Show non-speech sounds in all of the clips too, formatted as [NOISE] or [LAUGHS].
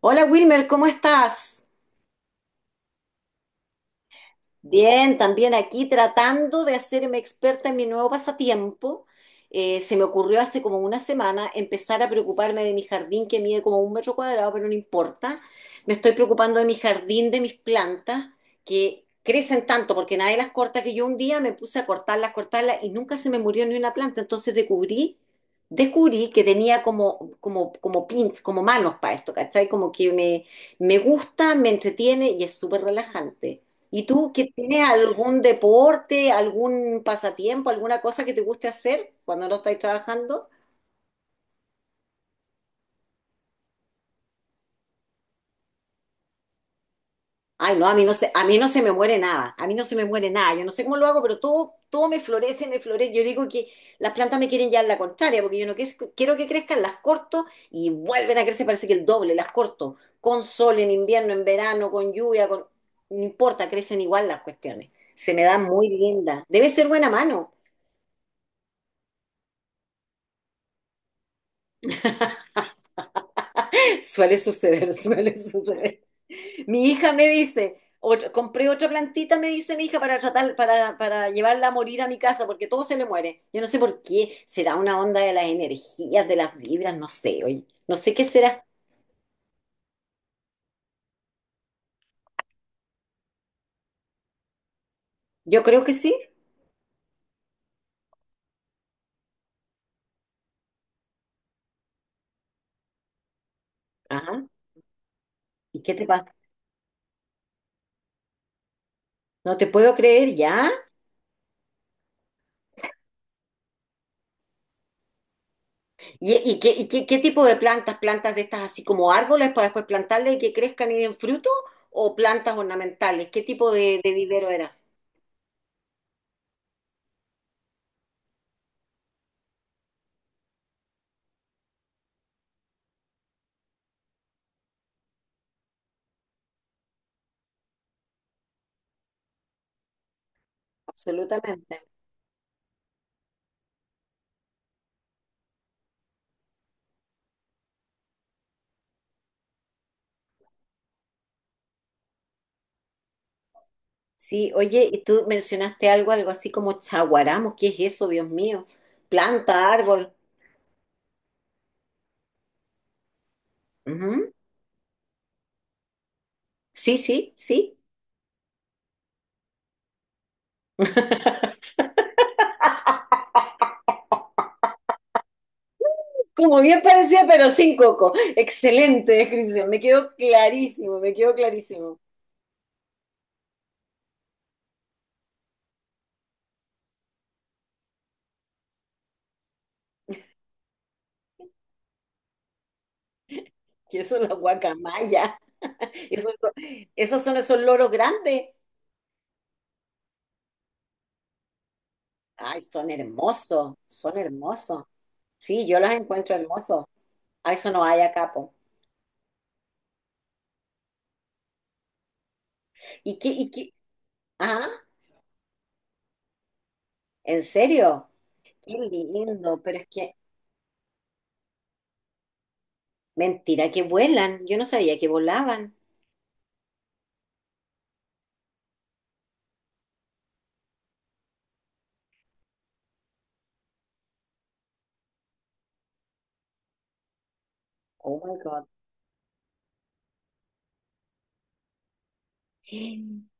Hola Wilmer, ¿cómo estás? Bien, también aquí tratando de hacerme experta en mi nuevo pasatiempo. Se me ocurrió hace como una semana empezar a preocuparme de mi jardín que mide como un metro cuadrado, pero no importa. Me estoy preocupando de mi jardín, de mis plantas, que crecen tanto porque nadie las corta, que yo un día me puse a cortarlas, cortarlas y nunca se me murió ni una planta. Entonces descubrí que tenía como pins, como manos para esto, ¿cachai? Como que me gusta, me entretiene y es súper relajante. ¿Y tú que tienes algún deporte, algún pasatiempo, alguna cosa que te guste hacer cuando no estáis trabajando? Ay, no, a mí no se me muere nada, a mí no se me muere nada, yo no sé cómo lo hago, pero todo, todo me florece, me florece. Yo digo que las plantas me quieren llevar la contraria, porque yo no quiero, quiero que crezcan, las corto y vuelven a crecer, parece que el doble, las corto, con sol en invierno, en verano, con lluvia, con no importa, crecen igual las cuestiones. Se me dan muy lindas. Debe ser buena mano. Suele suceder, [LAUGHS] suele suceder. Mi hija me dice, compré otra plantita, me dice mi hija, para tratar, para llevarla a morir a mi casa, porque todo se le muere. Yo no sé por qué, será una onda de las energías, de las vibras, no sé, oye, no sé qué será. Yo creo que sí. Ajá. ¿Y qué te pasa? No te puedo creer, ¿ya? ¿Y qué tipo de plantas? ¿Plantas de estas así como árboles para después plantarle y que crezcan y den fruto? ¿O plantas ornamentales? ¿Qué tipo de vivero era? Absolutamente. Sí, oye, y tú mencionaste algo, algo así como chaguaramos, ¿qué es eso, Dios mío? Planta, árbol. Ujú. Sí, sí, sí. [LAUGHS] Como bien parecía, pero sin coco. Excelente descripción, me quedó clarísimo, me quedó clarísimo. Que eso es la guacamaya. [LAUGHS] Esos, esos son esos loros grandes. Ay, son hermosos, son hermosos. Sí, yo los encuentro hermosos. A eso no hay acá, po. ¿Y qué? Ah, ¿en serio? Qué lindo, pero es que, mentira, que vuelan. Yo no sabía que volaban. Oh my God.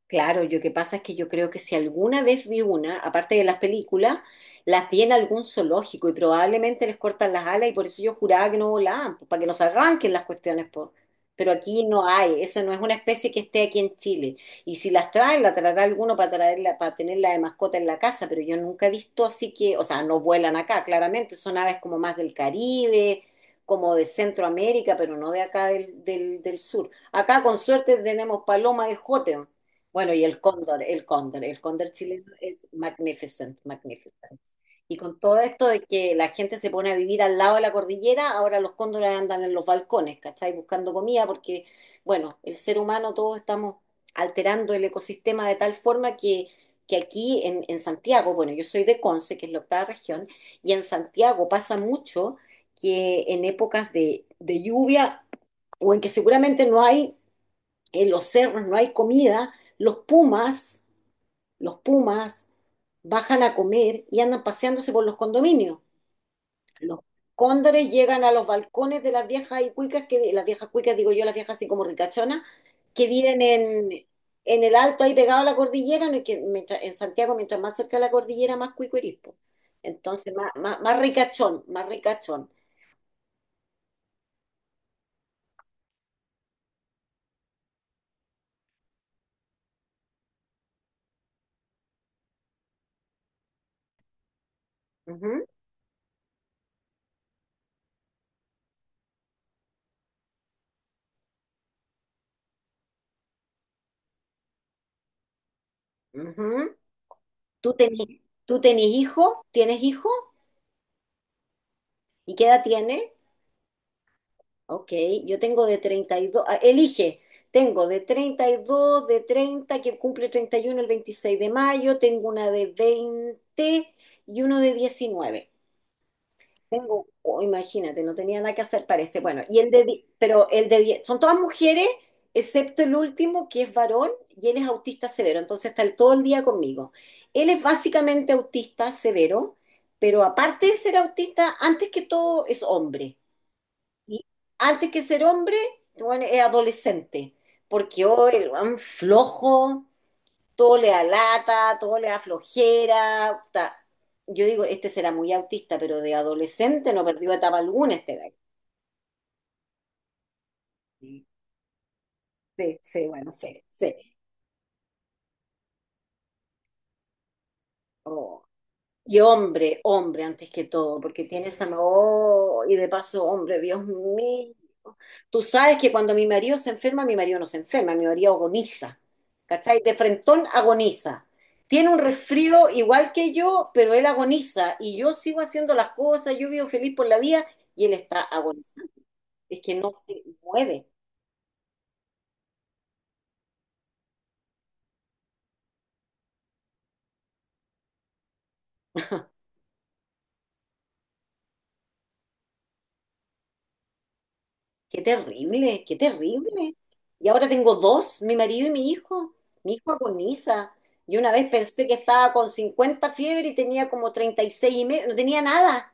Claro, yo que pasa es que yo creo que si alguna vez vi una, aparte de las películas, las vi en algún zoológico y probablemente les cortan las alas y por eso yo juraba que no volaban, pues, para que nos arranquen las cuestiones, pues. Pero aquí no hay, esa no es una especie que esté aquí en Chile. Y si las traen, la traerá alguno para traerla, para tenerla de mascota en la casa, pero yo nunca he visto así que, o sea, no vuelan acá, claramente, son aves como más del Caribe, como de Centroamérica, pero no de acá del sur. Acá con suerte tenemos paloma de Jotén. Bueno, y el cóndor, el cóndor chileno es magnificent, magnificent. Y con todo esto de que la gente se pone a vivir al lado de la cordillera, ahora los cóndores andan en los balcones, ¿cachai? Buscando comida porque, bueno, el ser humano todos estamos alterando el ecosistema de tal forma que aquí en Santiago, bueno, yo soy de Conce, que es la octava región, y en Santiago pasa mucho que en épocas de lluvia o en que seguramente no hay en los cerros no hay comida, los pumas bajan a comer y andan paseándose por los condominios. Los cóndores llegan a los balcones de las viejas y cuicas, que, las viejas cuicas, digo yo, las viejas así como ricachonas, que viven en el alto ahí pegado a la cordillera, no es que en Santiago, mientras más cerca de la cordillera, más cuico eres, po. Entonces, más, más, más ricachón, más ricachón. Ujú, ujú. ¿Tú tenés, tú tenés hijo? ¿Tienes hijo? ¿Y qué edad tiene? Ok, yo tengo de 32, ah, elige, tengo de 32, de 30 que cumple 31 el 26 de mayo, tengo una de 20 y uno de 19. Tengo, oh, imagínate, no tenía nada que hacer, parece. Bueno, pero el de 10, son todas mujeres, excepto el último, que es varón, y él es autista severo, entonces está todo el día conmigo. Él es básicamente autista severo, pero aparte de ser autista, antes que todo es hombre. Y antes que ser hombre, bueno, es adolescente, porque hoy el weón flojo, todo le da lata, todo le da flojera. Puta. Yo digo, este será muy autista, pero de adolescente no perdió etapa alguna este gallo. Sí, sí, sí, bueno, sí, sí. Oh. Y hombre, hombre, antes que todo, porque tienes a. Oh, y de paso, hombre, Dios mío. Tú sabes que cuando mi marido se enferma, mi marido no se enferma, mi marido agoniza. ¿Cachai? De frentón agoniza. Tiene un resfrío igual que yo, pero él agoniza. Y yo sigo haciendo las cosas, yo vivo feliz por la vida y él está agonizando. Es que no se mueve. Qué terrible, qué terrible. Y ahora tengo dos, mi marido y mi hijo. Mi hijo agoniza. Yo una vez pensé que estaba con 50 fiebre y tenía como 36 y seis y medio, no tenía nada.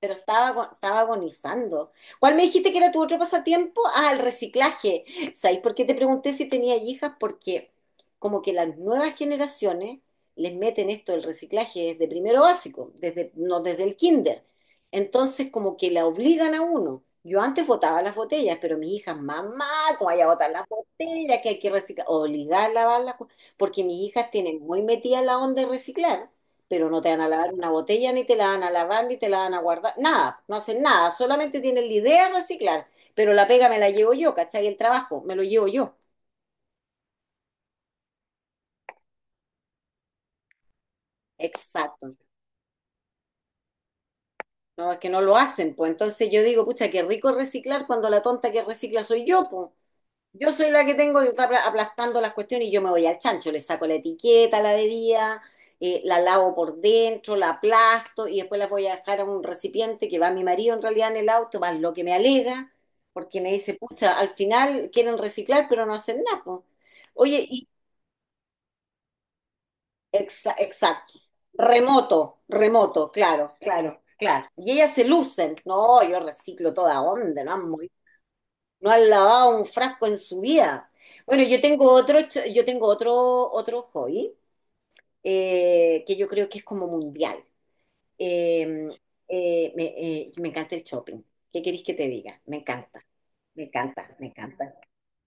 Pero estaba agonizando. ¿Cuál me dijiste que era tu otro pasatiempo? Ah, el reciclaje. ¿Sabes por qué te pregunté si tenía hijas? Porque como que las nuevas generaciones les meten esto del reciclaje desde primero básico, desde, no desde el kinder. Entonces como que la obligan a uno. Yo antes botaba las botellas, pero mis hijas, mamá, ¿cómo hay a botar las botellas? Que hay que reciclar, obligar a lavarlas, porque mis hijas tienen muy metida la onda de reciclar pero no te van a lavar una botella, ni te la van a lavar, ni te la van a guardar, nada, no hacen nada, solamente tienen la idea de reciclar, pero la pega me la llevo yo, ¿cachai? El trabajo me lo llevo yo, exacto, no, es que no lo hacen, pues entonces yo digo, pucha, qué rico reciclar cuando la tonta que recicla soy yo, pues. Yo soy la que tengo que estar aplastando las cuestiones y yo me voy al chancho, le saco la etiqueta a la bebida, la lavo por dentro, la aplasto y después las voy a dejar a un recipiente que va mi marido en realidad en el auto, más lo que me alega, porque me dice, pucha, al final quieren reciclar pero no hacen nada. Po". Oye, y exacto, remoto, remoto, claro, claro, claro. Y ellas se lucen, no, yo reciclo toda onda, ¿no? No han lavado un frasco en su vida. Bueno, yo tengo otro, ch- yo tengo otro, otro hobby, que yo creo que es como mundial. Eh, me encanta el shopping. ¿Qué queréis que te diga? Me encanta, me encanta, me encanta.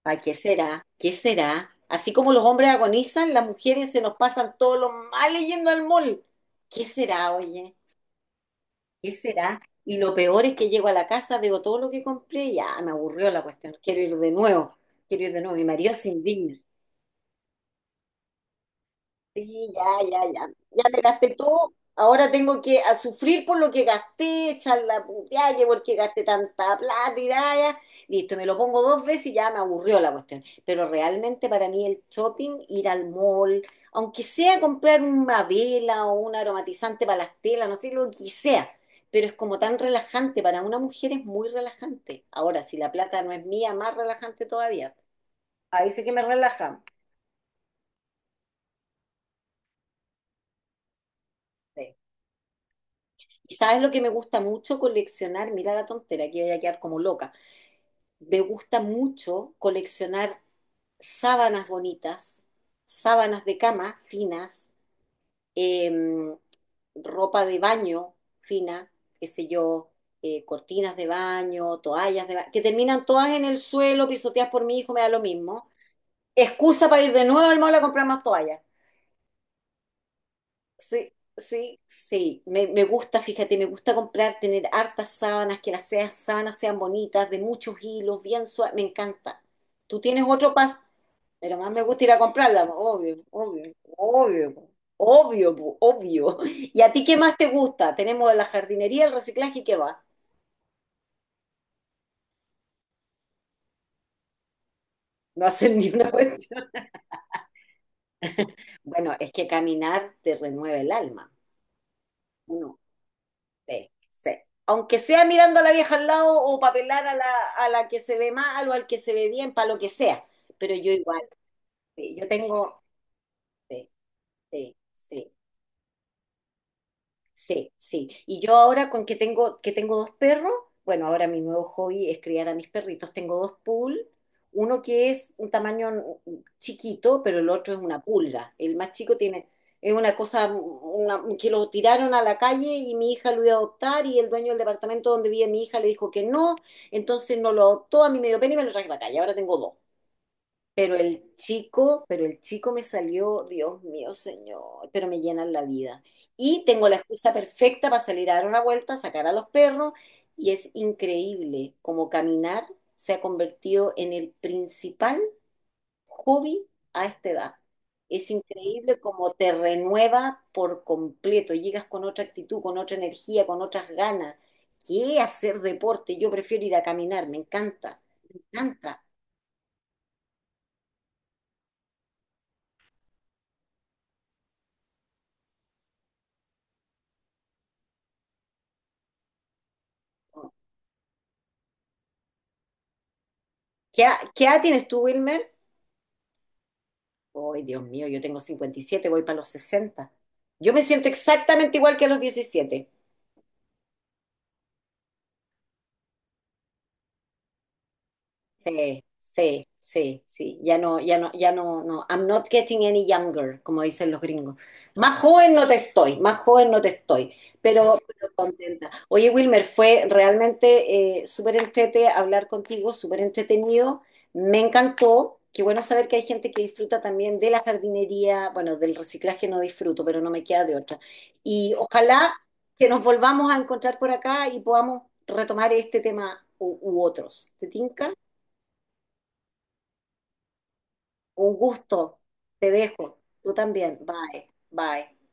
Ay, ¿qué será? ¿Qué será? Así como los hombres agonizan, las mujeres se nos pasan todos los males yendo al mall. ¿Qué será, oye? ¿Qué será? Y lo peor es que llego a la casa, veo todo lo que compré y ya me aburrió la cuestión. Quiero ir de nuevo, quiero ir de nuevo. Mi marido se indigna. Sí, ya, ya, ya. Ya me gasté todo. Ahora tengo que a sufrir por lo que gasté, echar la puteada, que porque gasté tanta plata y ya, ya. Listo, me lo pongo dos veces y ya me aburrió la cuestión. Pero realmente para mí el shopping, ir al mall, aunque sea comprar una vela o un aromatizante para las telas, no sé, lo que sea, pero es como tan relajante. Para una mujer es muy relajante. Ahora, si la plata no es mía, más relajante todavía. Ahí sí que me relaja. Sí. ¿Y sabes lo que me gusta mucho coleccionar? Mira la tontera, que voy a quedar como loca. Me gusta mucho coleccionar sábanas bonitas, sábanas de cama finas, eh, ropa de baño fina, qué sé yo, cortinas de baño, toallas de baño, que terminan todas en el suelo, pisoteadas por mi hijo, me da lo mismo. Excusa para ir de nuevo al mall a comprar más toallas. Sí, sí, sí. Me gusta, fíjate, me gusta comprar, tener hartas sábanas, sábanas sean bonitas, de muchos hilos, bien suaves. Me encanta. Tú tienes otro pas, Pero más me gusta ir a comprarla. Po, obvio, obvio, obvio, po, obvio, po, obvio. [LAUGHS] ¿Y a ti qué más te gusta? Tenemos la jardinería, el reciclaje y qué va. No hacen ni una cuestión. Bueno, es que caminar te renueva el alma. Sí, sí. Aunque sea mirando a la vieja al lado o papelar a la que se ve mal o al que se ve bien, para lo que sea. Pero yo igual, sí, yo tengo, sí, sí, sí. Sí, sí. Y yo ahora con que tengo dos perros, bueno, ahora mi nuevo hobby es criar a mis perritos. Tengo dos pool, uno que es un tamaño chiquito, pero el otro es una pulga. El más chico tiene, Es una cosa que lo tiraron a la calle y mi hija lo iba a adoptar y el dueño del departamento donde vive mi hija le dijo que no, entonces no lo adoptó, a mí me dio pena y me lo traje para acá y ahora tengo dos. Pero el chico me salió, Dios mío, señor, pero me llenan la vida. Y tengo la excusa perfecta para salir a dar una vuelta, sacar a los perros, y es increíble cómo caminar se ha convertido en el principal hobby a esta edad. Es increíble cómo te renueva por completo, llegas con otra actitud, con otra energía, con otras ganas. ¿Qué hacer deporte? Yo prefiero ir a caminar, me encanta, me encanta. ¿Qué edad tienes tú, Wilmer? Ay, Dios mío, yo tengo 57, voy para los 60. Yo me siento exactamente igual que a los 17. Sí, sí, sí, sí. Ya no, ya no, ya no, no. I'm not getting any younger, como dicen los gringos. Más joven no te estoy, más joven no te estoy, pero contenta. Oye, Wilmer, fue realmente súper entrete hablar contigo, súper entretenido. Me encantó. Qué bueno saber que hay gente que disfruta también de la jardinería. Bueno, del reciclaje no disfruto, pero no me queda de otra. Y ojalá que nos volvamos a encontrar por acá y podamos retomar este tema u otros. ¿Te tinca? Un gusto. Te dejo. Tú también. Bye. Bye.